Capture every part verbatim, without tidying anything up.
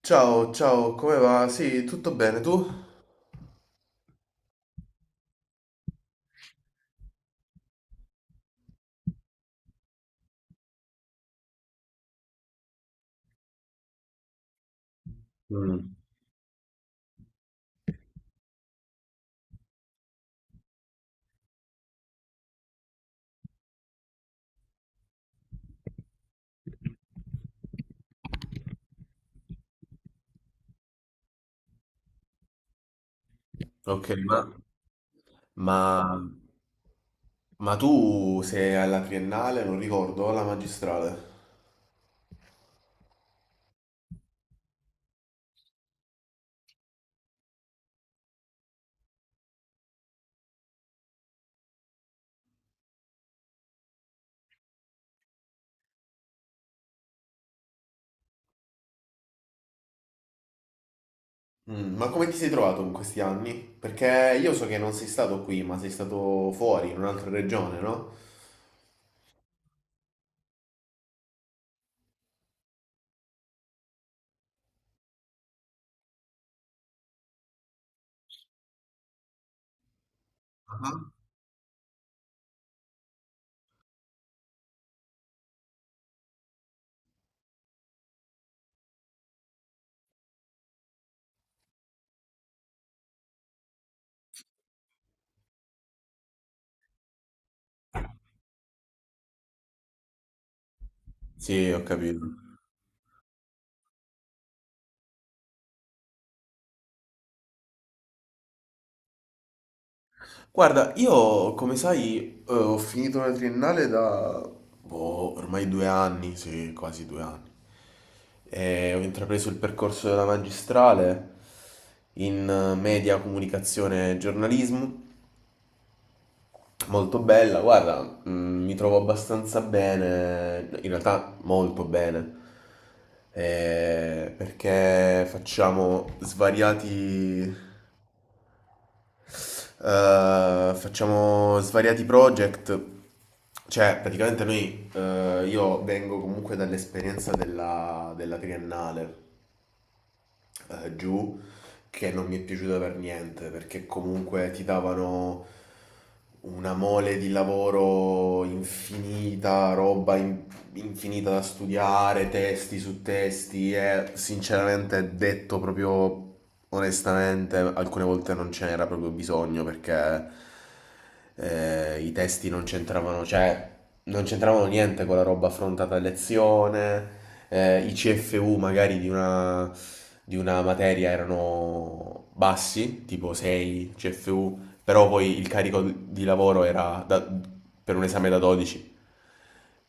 Ciao, ciao, come va? Sì, tutto bene, tu? Ok, ma, ma, ma tu sei alla triennale, non ricordo, o alla magistrale? Mm, ma come ti sei trovato in questi anni? Perché io so che non sei stato qui, ma sei stato fuori, in un'altra regione, no? Ah. Sì, ho capito. Guarda, io come sai, eh, ho finito la triennale da boh, ormai due anni, sì, quasi due anni. E ho intrapreso il percorso della magistrale in eh, media, comunicazione e giornalismo. Molto bella, guarda, mm, mi trovo abbastanza bene, in realtà molto bene, eh, perché facciamo svariati Eh, facciamo svariati project, cioè praticamente noi, eh, io vengo comunque dall'esperienza della, della triennale eh, giù, che non mi è piaciuta per niente, perché comunque ti davano una mole di lavoro infinita, roba in- infinita da studiare, testi su testi, e sinceramente detto proprio onestamente alcune volte non ce n'era proprio bisogno perché eh, i testi non c'entravano, cioè non c'entravano niente con la roba affrontata a lezione, eh, i C F U magari di una, di una materia erano bassi, tipo sei C F U, però poi il carico di lavoro era da- per un esame da dodici.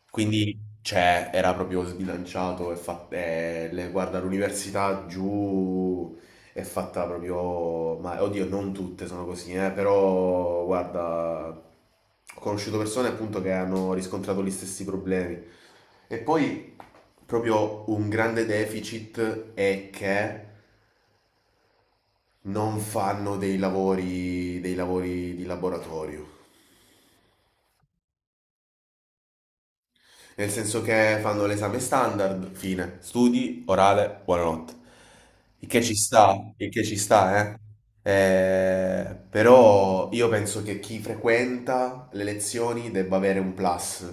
Quindi cioè, era proprio sbilanciato e fa- eh, le- guarda, l'università giù è fatta proprio... Ma oddio, non tutte sono così, eh, però guarda, ho conosciuto persone appunto che hanno riscontrato gli stessi problemi. E poi proprio un grande deficit è che non fanno dei lavori, dei lavori di laboratorio. Nel senso che fanno l'esame standard, fine, studi, orale, buonanotte. Il che ci sta, il che ci sta, eh. Eh, però io penso che chi frequenta le lezioni debba avere un plus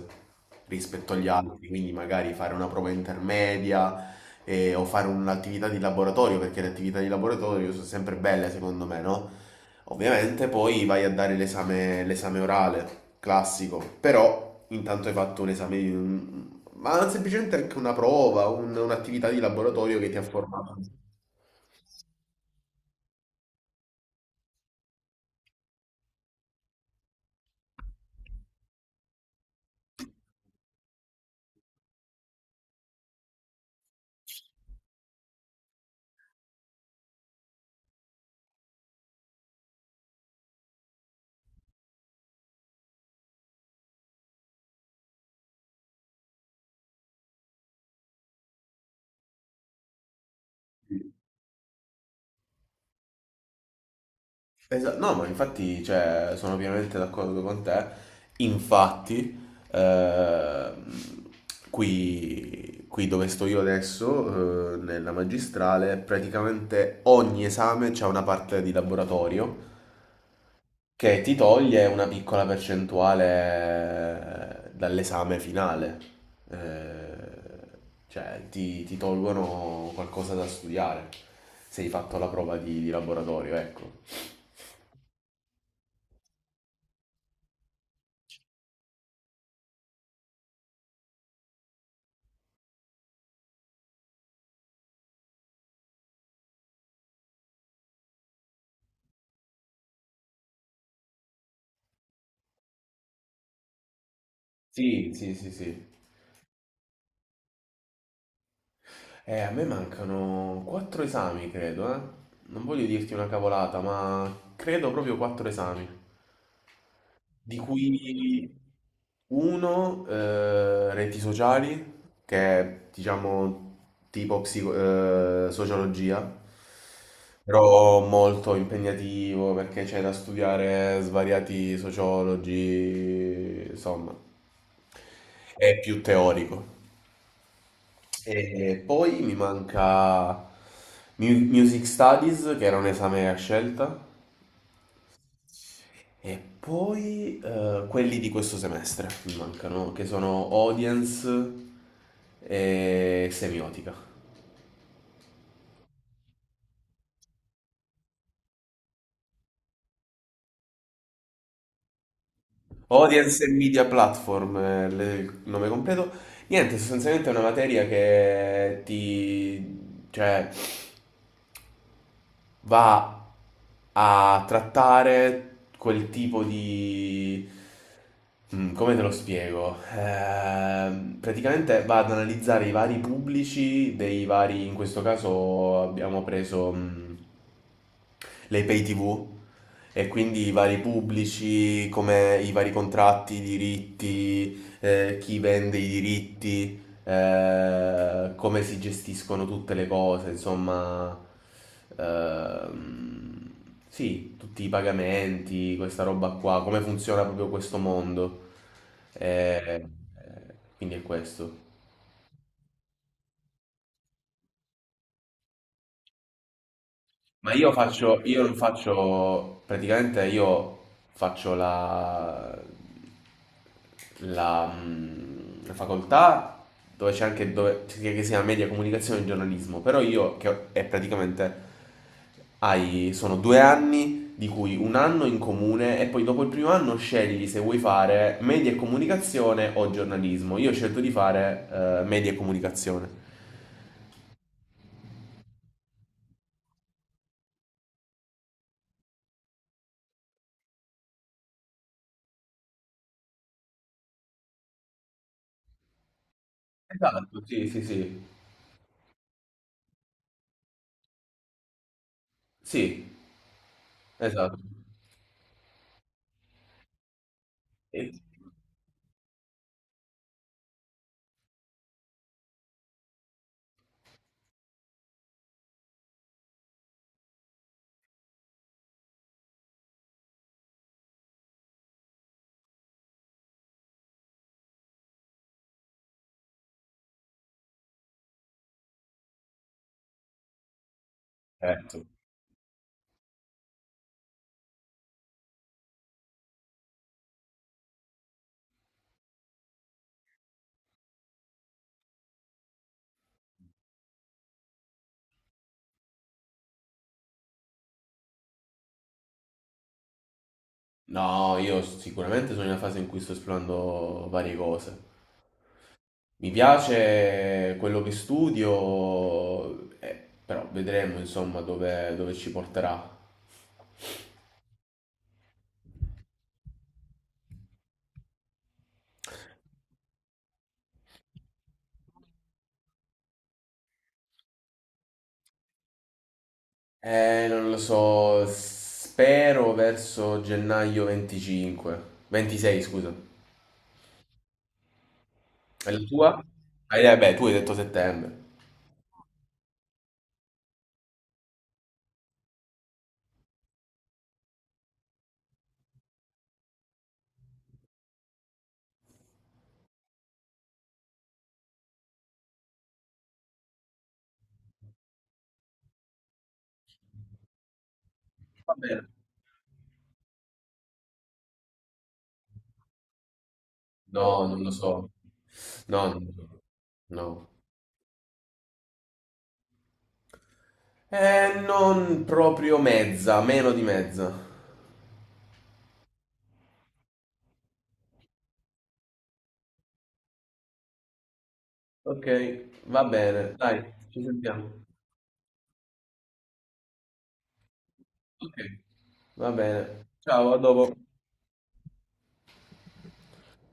rispetto agli altri, quindi magari fare una prova intermedia eh, o fare un'attività di laboratorio, perché le attività di laboratorio sono sempre belle secondo me, no? Ovviamente poi vai a dare l'esame l'esame orale, classico, però intanto hai fatto un esame, di un- ma semplicemente anche una prova, un- un'attività di laboratorio che ti ha formato. Esa- no, ma infatti, cioè, sono pienamente d'accordo con te. Infatti, ehm, qui, qui dove sto io adesso, eh, nella magistrale, praticamente ogni esame c'è una parte di laboratorio che ti toglie una piccola percentuale eh, dall'esame finale. Eh, cioè ti, ti tolgono qualcosa da studiare se hai fatto la prova di, di laboratorio, ecco. Sì, sì, sì, sì. Eh, a me mancano quattro esami, credo, eh. Non voglio dirti una cavolata, ma credo proprio quattro esami. Di cui uno, eh, reti sociali, che è diciamo tipo psico- eh, sociologia, però molto impegnativo perché c'è da studiare svariati sociologi, insomma, è più teorico. E poi mi manca mu- Music Studies, che era un esame a scelta. E poi eh, quelli di questo semestre mi mancano, che sono audience e semiotica. Audience e media platform, eh, le- il nome completo. Niente, sostanzialmente è una materia che ti... cioè, va a trattare quel tipo di... Mm, come te lo spiego? Ehm, praticamente va ad analizzare i vari pubblici dei vari... In questo caso abbiamo preso mm, le pay T V, e quindi i vari pubblici, come i vari contratti, i diritti, eh, chi vende i diritti eh, come si gestiscono tutte le cose, insomma, ehm, sì, tutti i pagamenti, questa roba qua, come funziona proprio questo mondo. Eh, eh, quindi è questo. Ma io faccio, io non faccio, praticamente io faccio la, la, mm, la facoltà dove c'è anche dove, che si chiama media comunicazione e giornalismo, però io che ho- è praticamente hai, sono due anni di cui un anno in comune e poi dopo il primo anno scegli se vuoi fare media e comunicazione o giornalismo. Io ho scelto di fare eh, media e comunicazione. Esatto, sì, sì, sì. Sì, esatto. E- Certo. No, io sicuramente sono in una fase in cui sto esplorando varie cose. Mi piace quello che studio, eh, però vedremo insomma dove, dove ci porterà. Eh, non lo so, spero verso gennaio venticinque, ventisei scusa. E la tua? Ah, eh, beh, tu hai detto settembre. Va bene. No, non lo so. No, non lo so. No. Eh, non proprio mezza, meno di mezza. Ok, va bene, dai, ci sentiamo. Ok, va bene. Ciao, a dopo.